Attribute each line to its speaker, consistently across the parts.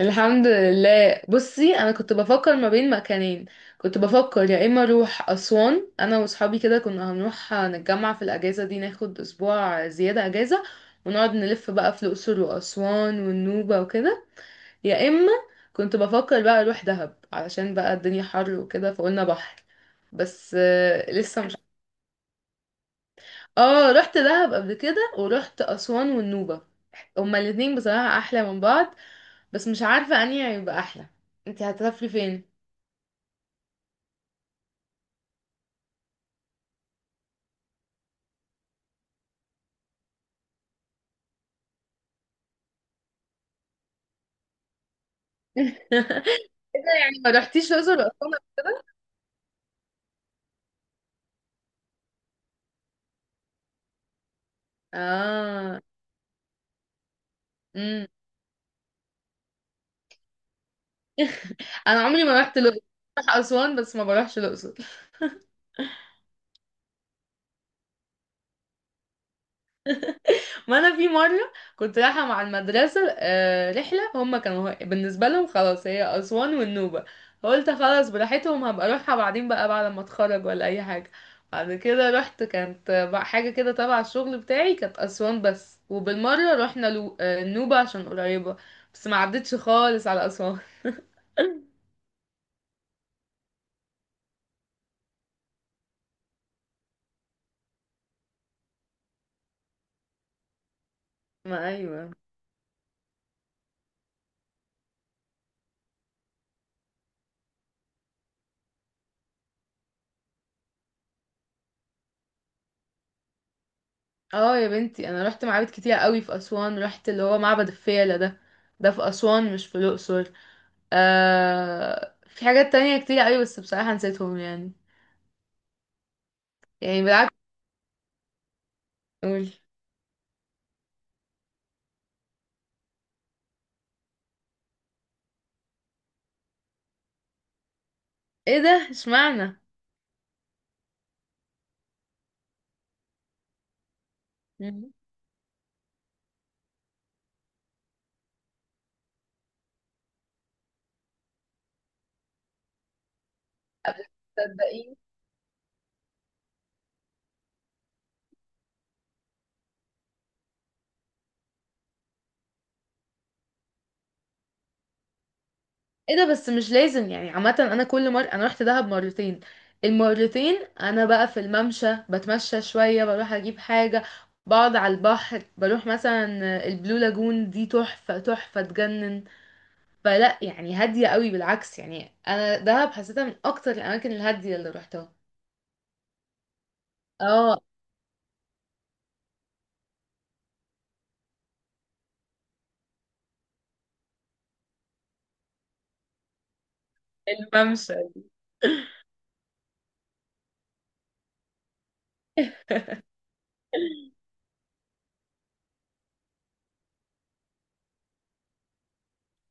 Speaker 1: الحمد لله. بصي، انا كنت بفكر ما بين مكانين. كنت بفكر يا اما اروح اسوان انا واصحابي، كده كنا هنروح نتجمع في الاجازه دي، ناخد اسبوع زياده اجازه، ونقعد نلف بقى في الاقصر واسوان والنوبه وكده. يا اما كنت بفكر بقى اروح دهب، علشان بقى الدنيا حر وكده فقلنا بحر. بس لسه مش. اه، رحت دهب قبل كده، ورحت اسوان والنوبه. هما الاتنين بصراحه احلى من بعض، بس مش عارفة انهي هيبقى احلى. انت هتسافري فين؟ إيه؟ ده يعني ما رحتيش الاقصر واسوان قبل كده؟ اه. امم. انا عمري ما رحت الاقصر، بروح اسوان بس ما بروحش الاقصر. ما انا في مره كنت رايحه مع المدرسه رحله، هما كانوا بالنسبه لهم خلاص هي اسوان والنوبه، فقلت خلاص براحتهم، هبقى اروحها بعدين بقى بعد ما اتخرج ولا اي حاجه. بعد كده رحت كانت بقى حاجه كده تبع الشغل بتاعي، كانت اسوان بس، وبالمره رحنا النوبه عشان قريبه، بس ما عدتش خالص على اسوان. ما ايوه. اه يا بنتي، انا رحت معابد كتير قوي في اسوان، رحت اللي هو معبد الفيلة ده، ده في اسوان مش في الاقصر. آه في حاجات تانية كتير أوي، بس بصراحة نسيتهم يعني. يعني بالعكس. أقول. ايه ده اشمعنى؟ مم. صدقيني. ايه ده، بس مش لازم يعني، عامة أنا كل مرة، أنا رحت دهب مرتين. المرتين أنا بقى في الممشى، بتمشى شوية، بروح أجيب حاجة، بقعد على البحر، بروح مثلا البلو لاجون دي، تحفة تحفة تجنن. فلا يعني هادية قوي، بالعكس يعني، أنا دهب حسيتها من أكتر الأماكن الهادية اللي روحتها. اه. الممشى.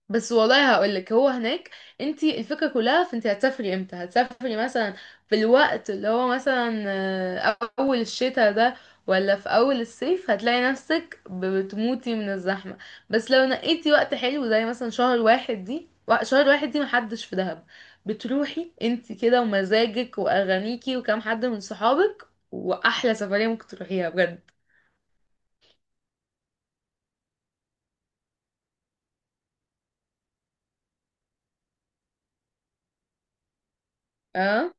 Speaker 1: بس والله هقولك هو هناك، انت الفكرة كلها في انت هتسافري امتى. هتسافري مثلا في الوقت اللي هو مثلا اول الشتاء ده، ولا في اول الصيف، هتلاقي نفسك بتموتي من الزحمة. بس لو نقيتي وقت حلو زي مثلا شهر واحد دي شهر واحد دي، محدش في دهب، بتروحي انت كده، ومزاجك واغانيكي وكام حد من صحابك، واحلى سفرية ممكن تروحيها بجد. اه.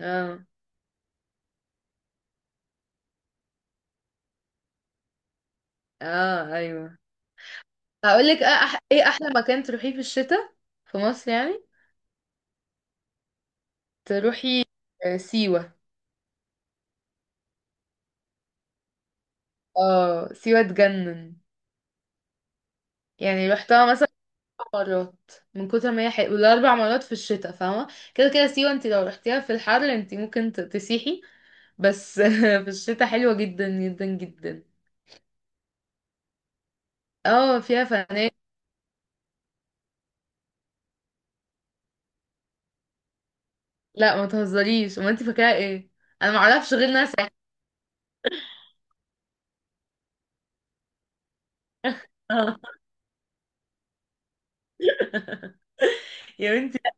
Speaker 1: اه. اه ايوه. هقول لك اه أح ايه احلى مكان تروحيه في الشتاء، في مصر يعني. تروحي سيوة. اه سيوة تجنن. يعني رحتها مثلا 4 مرات من كتر ما هي حلوه، والاربع مرات في الشتاء، فاهمه؟ كده كده سيوة، انت لو رحتيها في الحر انت ممكن تسيحي، بس في الشتاء حلوه جدا جدا جدا. اه فيها فنادق. لا ما تهزريش، امال انت فاكراها ايه؟ انا ما اعرفش غير ناس. يا بنتي لا.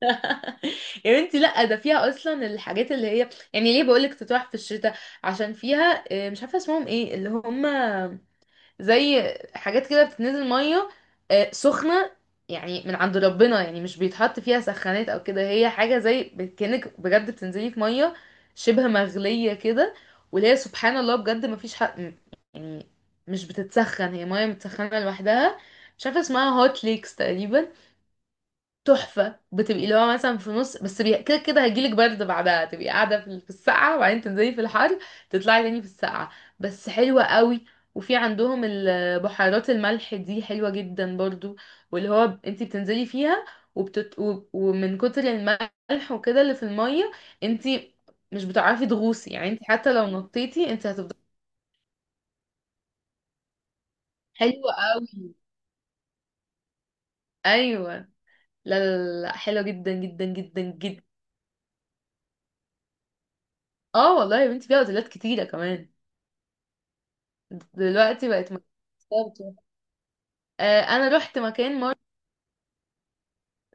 Speaker 1: يا بنتي لا، ده فيها اصلا الحاجات اللي هي يعني ليه بقولك تتراح في الشتاء، عشان فيها مش عارفه اسمهم ايه، اللي هم زي حاجات كده بتنزل ميه سخنه، يعني من عند ربنا، يعني مش بيتحط فيها سخانات او كده، هي حاجه زي كأنك بجد بتنزلي في ميه شبه مغليه كده، واللي هي سبحان الله بجد، ما فيش حق يعني، مش بتتسخن، هي ميه متسخنه لوحدها. مش عارفه اسمها، هوت ليكس تقريبا. تحفة. بتبقي اللي هو مثلا في نص بس كده كده هيجيلك برد، بعدها تبقي قاعدة في السقعة، وبعدين تنزلي في الحر، تطلعي تاني في السقعة، بس حلوة قوي. وفي عندهم بحيرات الملح دي حلوة جدا برضو، واللي هو انتي بتنزلي فيها، ومن كتر الملح وكده اللي في المية، انتي مش بتعرفي تغوصي يعني، انتي حتى لو نطيتي انتي هتفضلي. حلوة قوي. ايوه لا. لا لا لا حلوة جدا جدا جدا جدا. اه والله يا بنتي، فيها اوتيلات كتيرة كمان. دلوقتي بقت مكان. انا رحت مكان مر.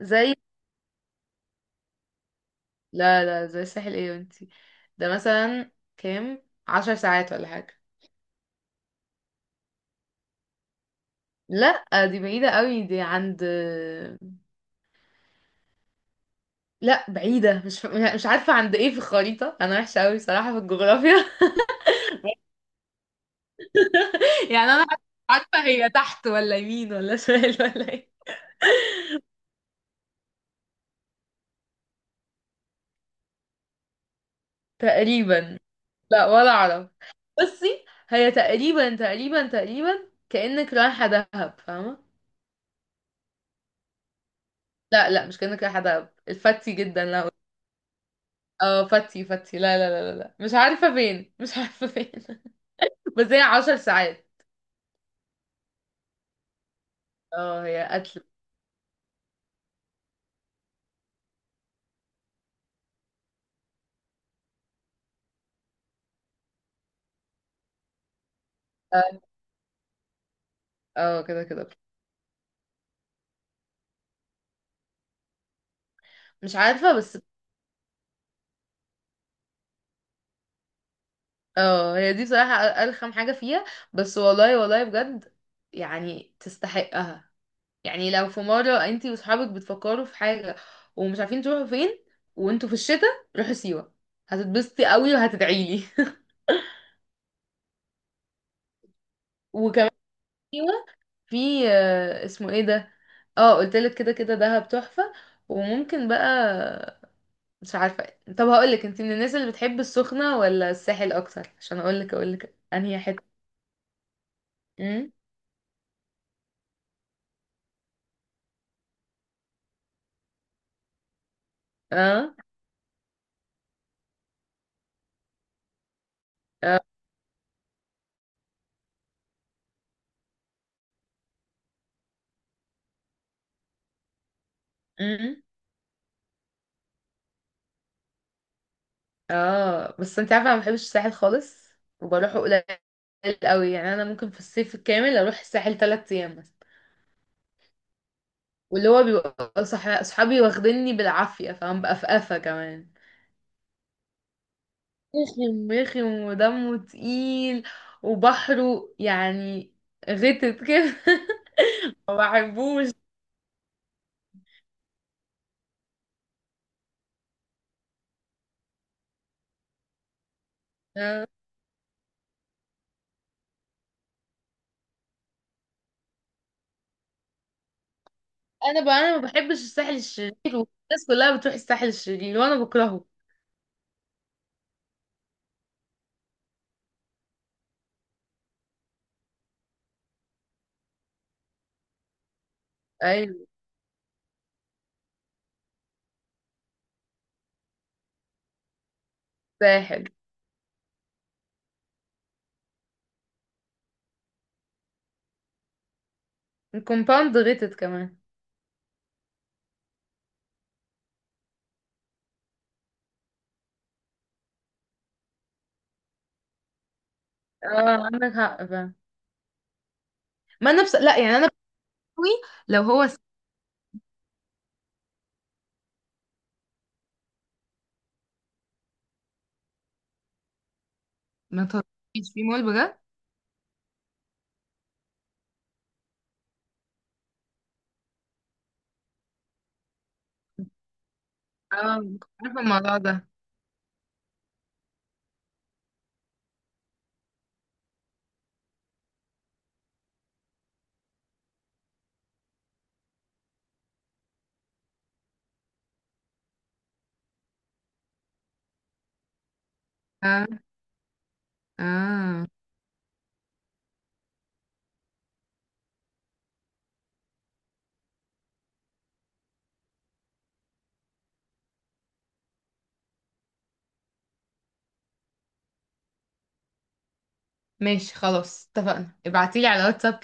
Speaker 1: زي. لا لا زي الساحل ايه وانتي. ده مثلا كام؟ 10 ساعات ولا حاجة. لا دي بعيدة قوي، دي عند. لا بعيدة مش. مش عارفة عند ايه في الخريطة، انا وحشة قوي صراحة في الجغرافيا. يعني انا عارفة هي تحت ولا يمين ولا شمال ولا ايه؟ تقريبا. لا ولا اعرف. بصي هي تقريبا تقريبا تقريبا كأنك رايحة دهب، فاهمة؟ لا لا مش كأنك حدب الفتي جدا، لا. اه فتي فتي، لا لا لا لا لا. مش عارفة فين، مش عارفة فين. بس هي 10 ساعات. اه هي قتل. اه. كده كده. مش عارفة بس. اه هي دي بصراحة أرخم حاجة فيها، بس والله والله بجد يعني تستحقها. يعني لو في مرة انتي وصحابك بتفكروا في حاجة، ومش عارفين تروحوا فين، وانتوا في الشتاء، روحوا سيوة، هتتبسطي قوي وهتدعيلي. وكمان سيوة في اسمه ايه ده. اه قلتلك كده كده دهب تحفة، وممكن بقى، مش عارفة. طب هقولك انت من الناس اللي بتحب السخنة ولا الساحل اكتر، عشان اقولك انهي حتة. امم. اه. اه. امم. اه. بس انت عارفة انا ما بحبش الساحل خالص، وبروحه قليل قوي، يعني انا ممكن في الصيف الكامل اروح الساحل 3 ايام مثلا، واللي هو بيبقى صحابي واخديني بالعافية، فاهم بقى، في قفا كمان، رخم رخم ودمه تقيل، وبحره يعني غتت كده. ما بحبوش. آه. انا بقى انا ما بحبش الساحل الشرير، والناس كلها بتروح الساحل الشرير وانا بكرهه. ايوه. الساحل. الكومباوند غتت كمان. اه عندك حق فعلا. ما انا لا يعني انا بقوي. لو هو ما تطلعيش في مول بجد. اه كنت عارفه الموضوع ده. اه. اه. ماشي خلاص اتفقنا، ابعتيلي على واتساب.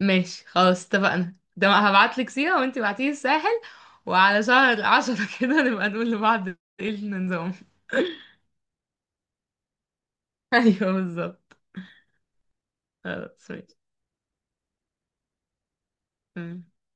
Speaker 1: ماشي خلاص اتفقنا، ده ما هبعتلك سيرة وانتي بعتيلي الساحل، وعلى شهر العشرة كده نبقى نقول لبعض ايه النظام. ايوه بالظبط. خلاص. ماشي.